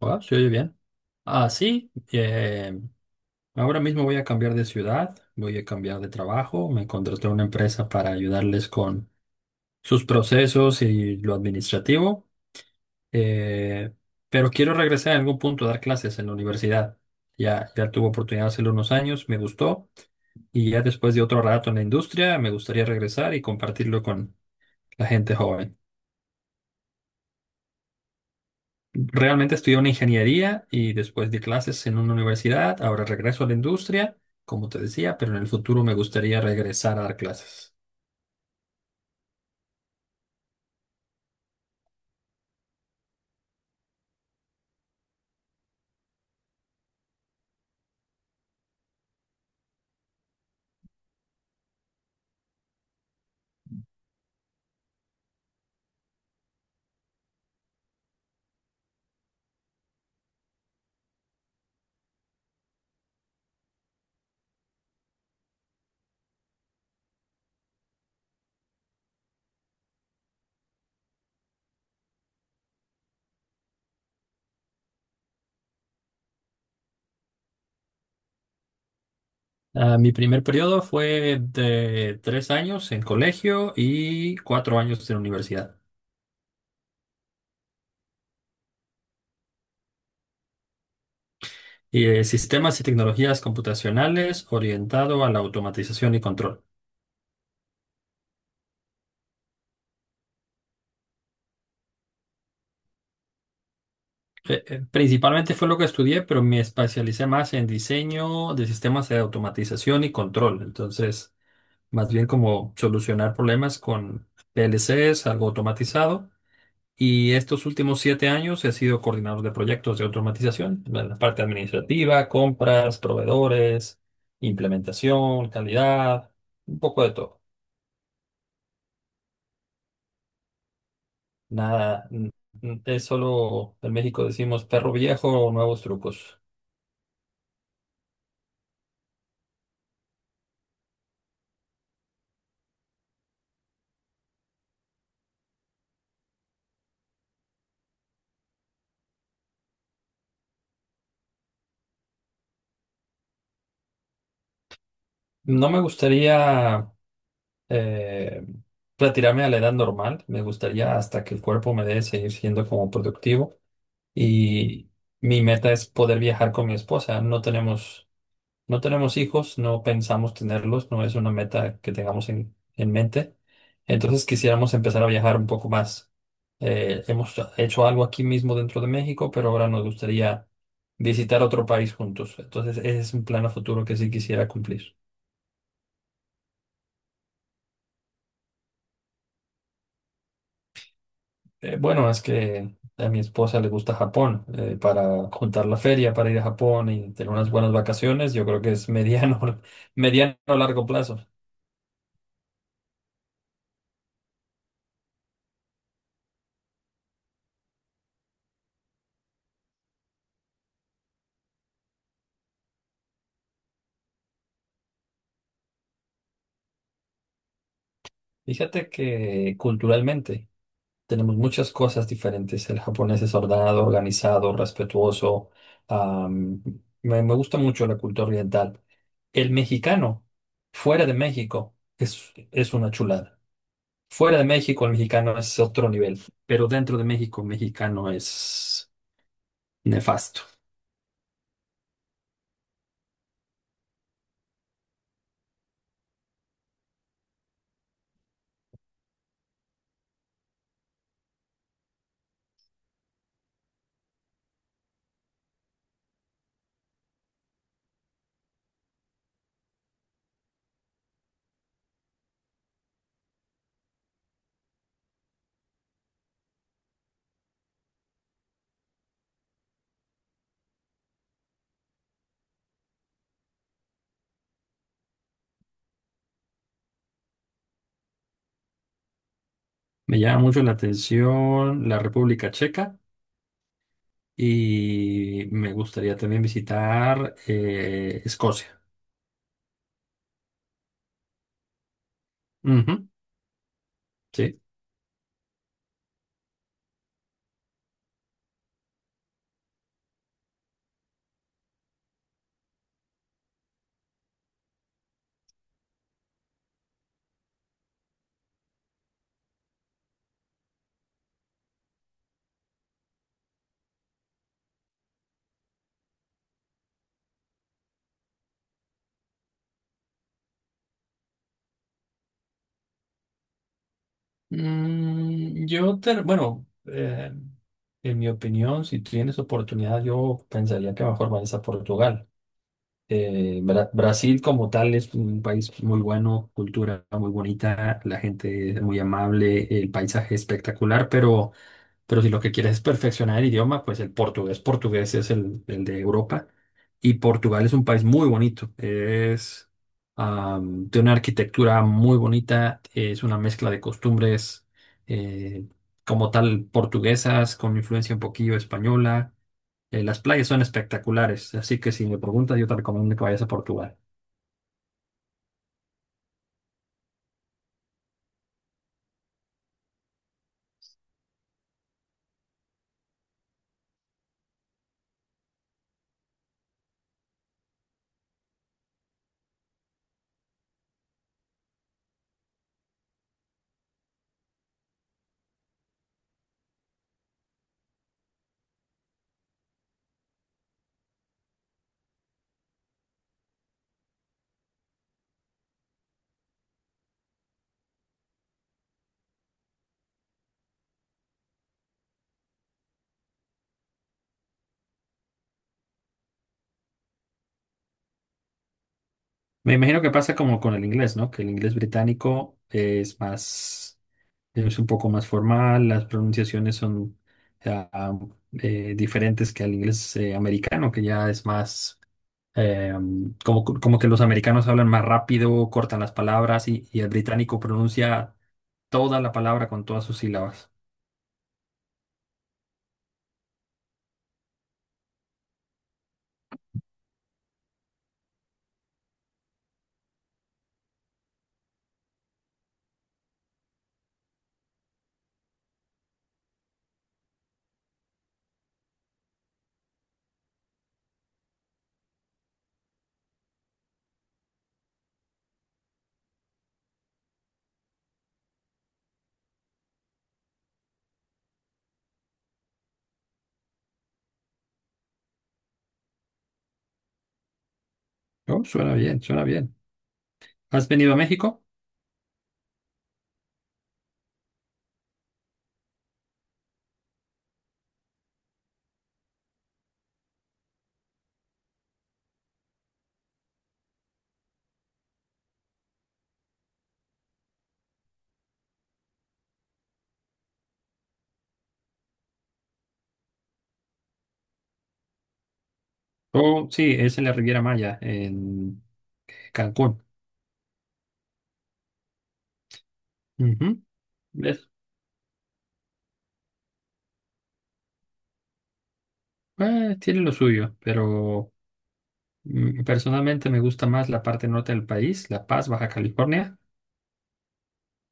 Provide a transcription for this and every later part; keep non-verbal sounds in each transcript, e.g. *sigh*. Ah, se oye bien. Ah, sí. Ahora mismo voy a cambiar de ciudad, voy a cambiar de trabajo. Me contraté una empresa para ayudarles con sus procesos y lo administrativo. eh, pero quiero regresar en algún punto a dar clases en la universidad. Ya tuve oportunidad hace unos años, me gustó. Y ya después de otro rato en la industria, me gustaría regresar y compartirlo con la gente joven. Realmente estudié una ingeniería y después di clases en una universidad. Ahora regreso a la industria, como te decía, pero en el futuro me gustaría regresar a dar clases. Ah, mi primer periodo fue de 3 años en colegio y 4 años en universidad. Y, sistemas y tecnologías computacionales orientado a la automatización y control. Principalmente fue lo que estudié, pero me especialicé más en diseño de sistemas de automatización y control. Entonces más bien como solucionar problemas con PLCs, algo automatizado. Y estos últimos 7 años he sido coordinador de proyectos de automatización, en la parte administrativa, compras, proveedores, implementación, calidad, un poco de todo. Nada, es solo, en México decimos perro viejo, nuevos trucos. No me gustaría eh, retirarme a la edad normal, me gustaría hasta que el cuerpo me dé seguir siendo como productivo. Y mi meta es poder viajar con mi esposa. No tenemos hijos, no pensamos tenerlos, no es una meta que tengamos en mente. Entonces quisiéramos empezar a viajar un poco más. Hemos hecho algo aquí mismo dentro de México, pero ahora nos gustaría visitar otro país juntos. Entonces ese es un plan a futuro que sí quisiera cumplir. Bueno, es que a mi esposa le gusta Japón. Para juntar la feria, para ir a Japón y tener unas buenas vacaciones, yo creo que es mediano, *laughs* mediano a largo plazo. Fíjate que culturalmente tenemos muchas cosas diferentes. El japonés es ordenado, organizado, respetuoso. am, me gusta mucho la cultura oriental. El mexicano, fuera de México, es una chulada. Fuera de México, el mexicano es otro nivel, pero dentro de México, el mexicano es nefasto. Me llama mucho la atención la República Checa y me gustaría también visitar Escocia. Ujú, sí. Mm, yo, bueno, en mi opinión, si tienes oportunidad, yo pensaría que mejor vayas a Portugal. Brasil como tal es un país muy bueno, cultura muy bonita, la gente es muy amable, el paisaje espectacular, pero si lo que quieres es perfeccionar el idioma, pues el portugués, portugués es el de Europa. Y Portugal es un país muy bonito. Es de una arquitectura muy bonita. Es una mezcla de costumbres eh, como tal portuguesas, con influencia un poquillo española. Las playas son espectaculares. Así que si me preguntas, yo te recomiendo que vayas a Portugal. Me imagino que pasa como con el inglés, ¿no? Que el inglés británico es más, es un poco más formal, las pronunciaciones son ah, diferentes que al inglés americano, que ya es más eh, como, como que los americanos hablan más rápido, cortan las palabras y el británico pronuncia toda la palabra con todas sus sílabas. Oh, suena bien, suena bien. ¿Has venido a México? Oh, sí, es en la Riviera Maya, en Cancún. Ujú. ¿Ves? Tiene lo suyo, pero mm, personalmente me gusta más la parte norte del país, La Paz, Baja California,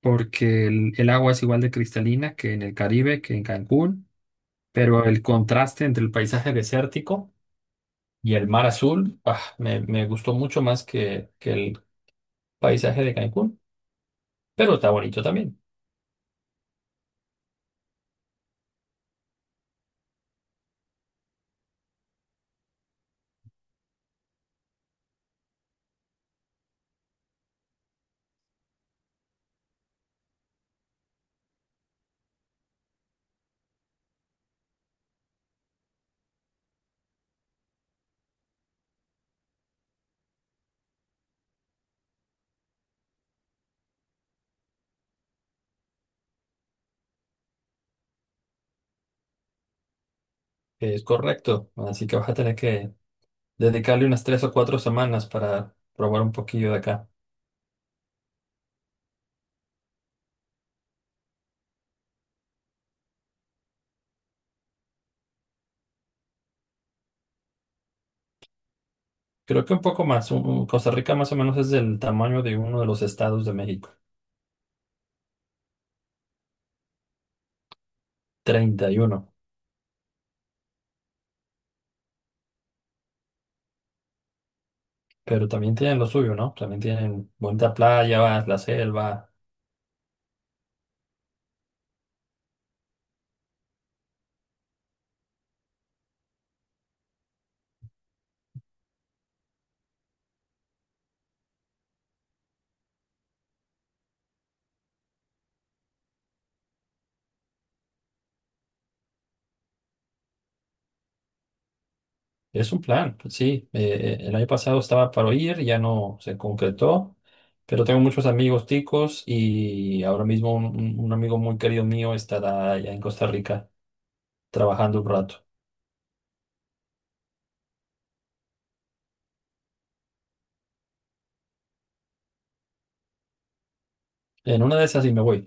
porque el agua es igual de cristalina que en el Caribe, que en Cancún, pero el contraste entre el paisaje desértico y el mar azul, ah, me gustó mucho más que el paisaje de Cancún, pero está bonito también. Es correcto, así que vas a tener que dedicarle unas 3 o 4 semanas para probar un poquillo de acá. Creo que un poco más, Costa Rica más o menos es del tamaño de uno de los estados de México. 31. Pero también tienen lo suyo, ¿no? También tienen bonita playa, la selva. Es un plan, pues sí. El año pasado estaba para ir, ya no se concretó, pero tengo muchos amigos ticos y ahora mismo un, un amigo muy querido mío estará allá en Costa Rica trabajando un rato. En una de esas y me voy.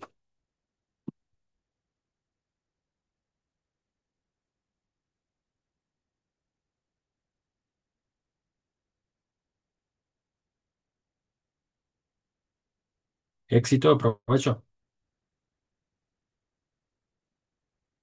Éxito, provecho.